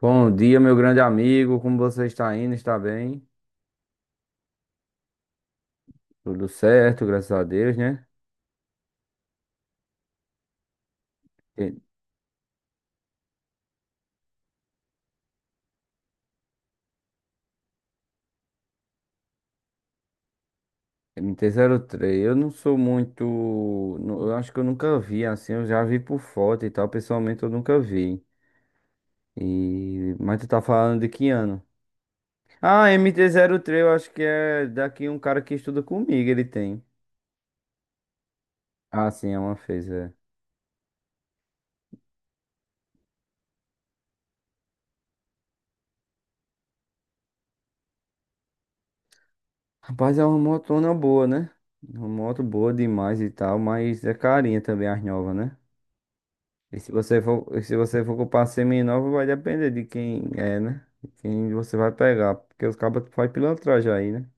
Bom dia, meu grande amigo. Como você está indo? Está bem? Tudo certo, graças a Deus, né? E- M T zero três. Eu não sou muito. Nu- Eu acho que eu nunca vi assim. Eu já vi por foto e tal. Pessoalmente, eu nunca vi. Mas tu tá falando de que ano? Ah, mt três. Eu acho que é daqui um cara que estuda comigo. Ele tem. Ah, sim, é uma fez, é. Rapaz, é uma motona boa, né? Uma moto boa demais e tal. Mas é carinha também, as novas, né? E se você for comprar seminova, vai depender de quem é, né? De quem você vai pegar. Porque os cabos fazem pilantragem aí, né?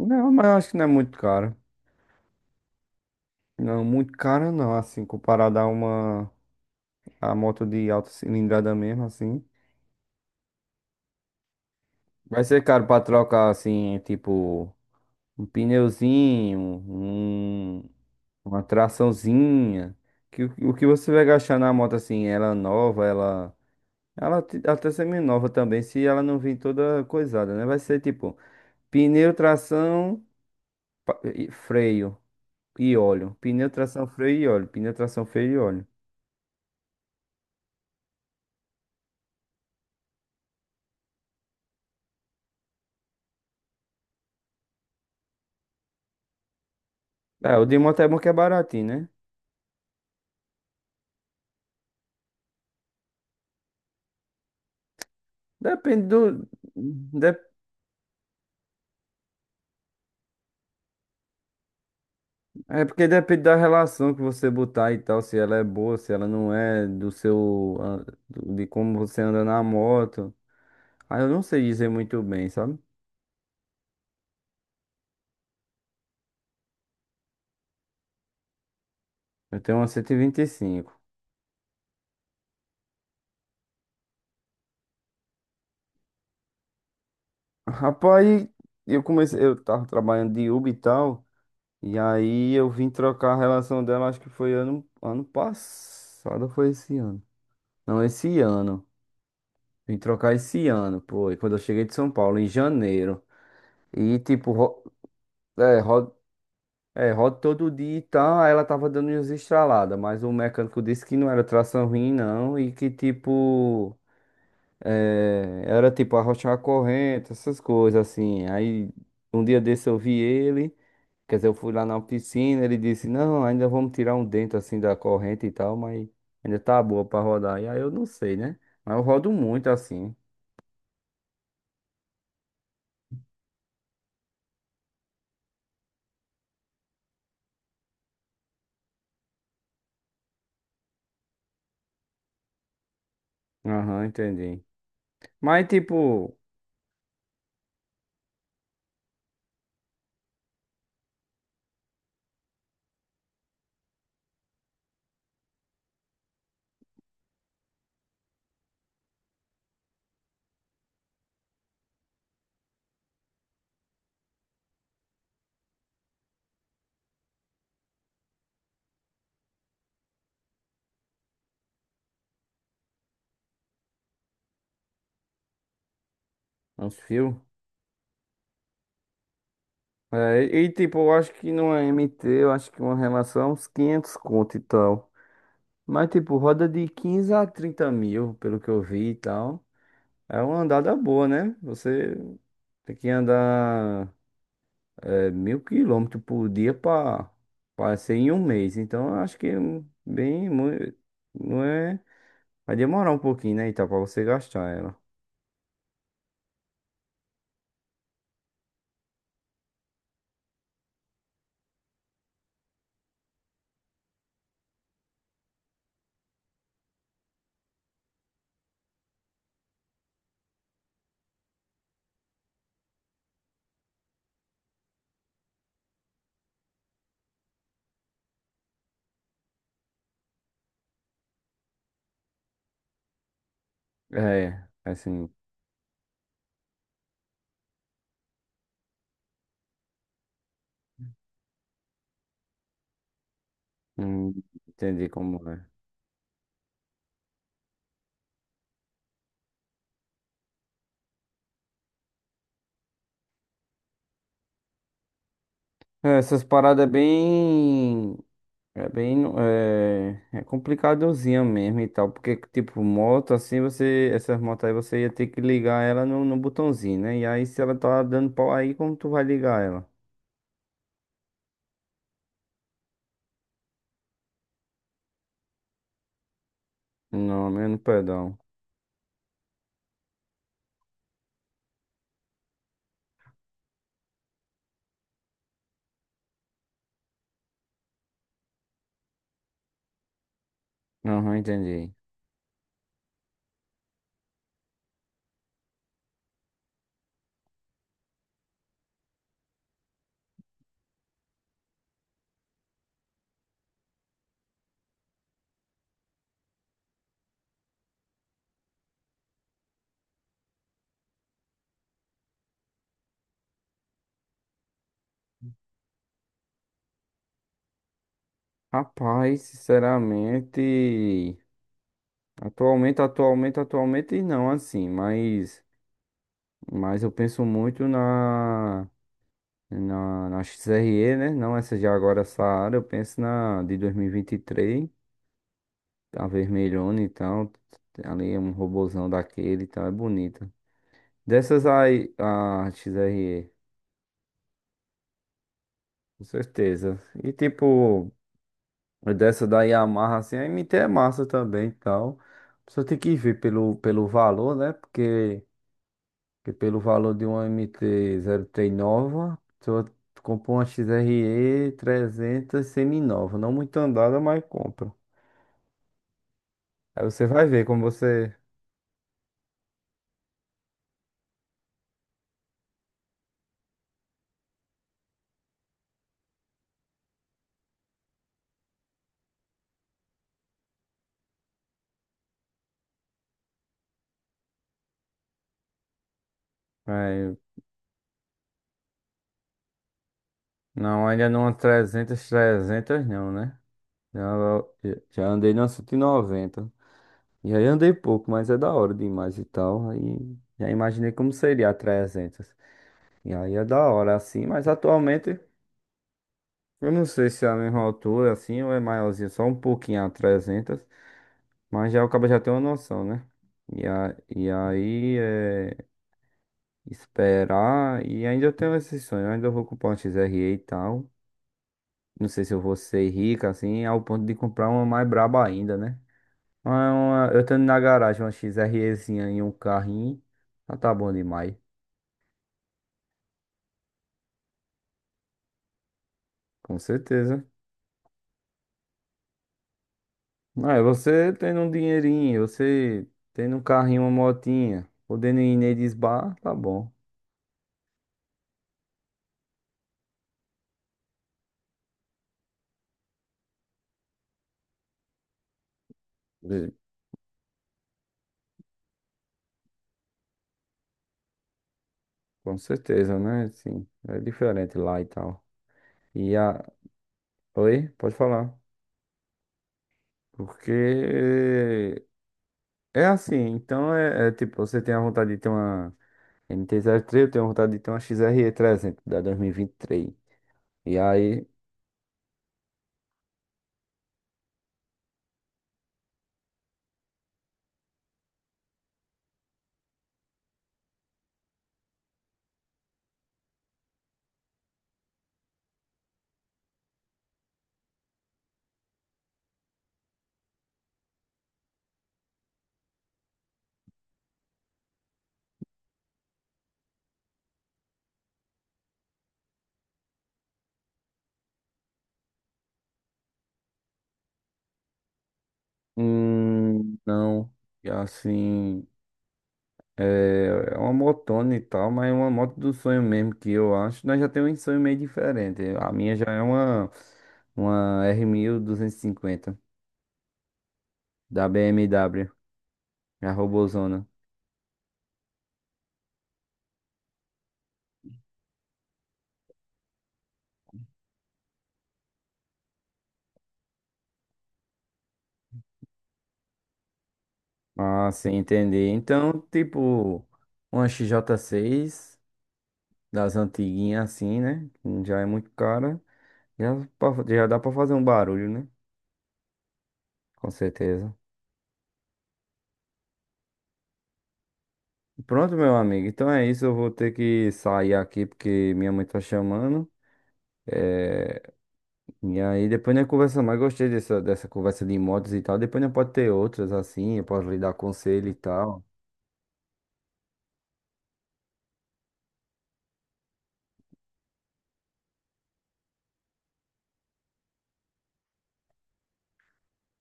Não, mas eu acho que não é muito caro. Não, muito caro não, assim, comparado a uma a moto de alta cilindrada mesmo, assim. Vai ser caro pra trocar, assim, tipo, um pneuzinho, um, uma traçãozinha. O que você vai gastar na moto, assim, ela nova, até semi-nova também, se ela não vir toda coisada, né? Vai ser tipo pneu, tração, freio e óleo. Pneu, tração, freio e óleo. Pneu, tração, freio e óleo. É, o de moto é bom que é baratinho, né? Depende do. de- é porque depende da relação que você botar e tal, se ela é boa, se ela não é, do seu. De como você anda na moto. Ah, eu não sei dizer muito bem, sabe? Eu tenho uma cento e vinte e cinco. Rapaz, eu comecei, eu tava trabalhando de Uber e tal. E aí eu vim trocar a relação dela, acho que foi ano passado, ou foi esse ano. Não, esse ano. Vim trocar esse ano, pô, e quando eu cheguei de São Paulo, em janeiro. E tipo, ro- É, roda todo dia e tal, aí ela tava dando umas estraladas, mas o mecânico disse que não era tração ruim, não, e que tipo, era tipo arrochar a corrente, essas coisas assim. Aí um dia desse eu vi ele. Quer dizer, eu fui lá na piscina, ele disse, não, ainda vamos tirar um dente assim da corrente e tal, mas ainda tá boa pra rodar. E aí eu não sei, né? Mas eu rodo muito assim. Aham, entendi. Mas tipo, uns fios. Tipo, eu acho que não é MT, eu acho que uma relação é uns 500 conto e tal. Mas tipo, roda de 15 a 30 mil, pelo que eu vi e tal. É uma andada boa, né? Você tem que andar. É 1.000 quilômetros por dia para ser em um mês. Então, eu acho que é não é. Vai demorar um pouquinho, né? Então, para você gastar ela. É, assim, hum, entendi como é. Essas paradas é bem. Bem. É, é complicadozinha mesmo e tal. Porque, tipo, moto, assim, você. Essas motos aí você ia ter que ligar ela no botãozinho, né? E aí, se ela tá dando pau aí, como tu vai ligar ela? Não, menos pedal. Aham, entendi. Rapaz, sinceramente, atualmente não, assim, mas eu penso muito na XRE, né? Não essa de agora, essa área, eu penso na de dois mil e vinte e três, a vermelhona, então, ali é um robozão daquele, então é bonita. Dessas aí, a XRE, com certeza. E tipo, dessa da Yamaha, assim, a MT é massa também e tal. Só tem que ver pelo valor, né? Porque pelo valor de uma mt três nova, tu compra uma XRE 300 semi-nova. Não muito andada, mas compra. Aí você vai ver como você... vai- não, ainda não é 300, não, né? Já, Já andei na cento e noventa, e aí andei pouco, mas é da hora demais e tal. Aí já imaginei como seria a 300. E aí é da hora, assim, mas atualmente eu não sei se é a mesma altura, assim, ou é maiorzinho, só um pouquinho a 300, mas já acaba já tem uma noção, né? E aí é esperar, e ainda eu tenho esse sonho, eu vou comprar um X-R e tal. Não sei se eu vou ser rico, assim, ao ponto de comprar uma mais braba ainda, né? Mas é uma- eu tendo na garagem uma XREzinha e um carrinho, já tá bom demais, com certeza. Ah, você tendo um dinheirinho, você tendo um carrinho, uma motinha, podendo ir neles bar, tá bom. De- Com certeza, né? Sim, é diferente lá e tal. E a... Oi, pode falar. Porque é assim, é tipo, você tem a vontade de ter uma mt três, eu tenho vontade de ter uma XR300 da 2023. E vinte e três. E aí, não, e assim... É é uma motona e tal, mas é uma moto do sonho mesmo que eu acho. Nós já temos um sonho meio diferente. A minha já é uma r mil duzentos e cinquenta da BMW, a robozona. Ah, sim, entendi. Então, tipo, uma xj seis das antiguinhas assim, né? Já é muito cara. Já, já dá pra fazer um barulho, né? Com certeza. Pronto, meu amigo. Então é isso. Eu vou ter que sair aqui porque minha mãe tá chamando. É, e aí depois nós conversa mais, gostei dessa conversa de motos e tal. Depois nós pode ter outras assim, eu posso lhe dar conselho e tal.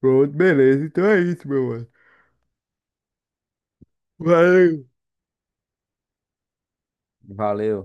Pronto, beleza. Então é isso, meu mano. Valeu. Valeu.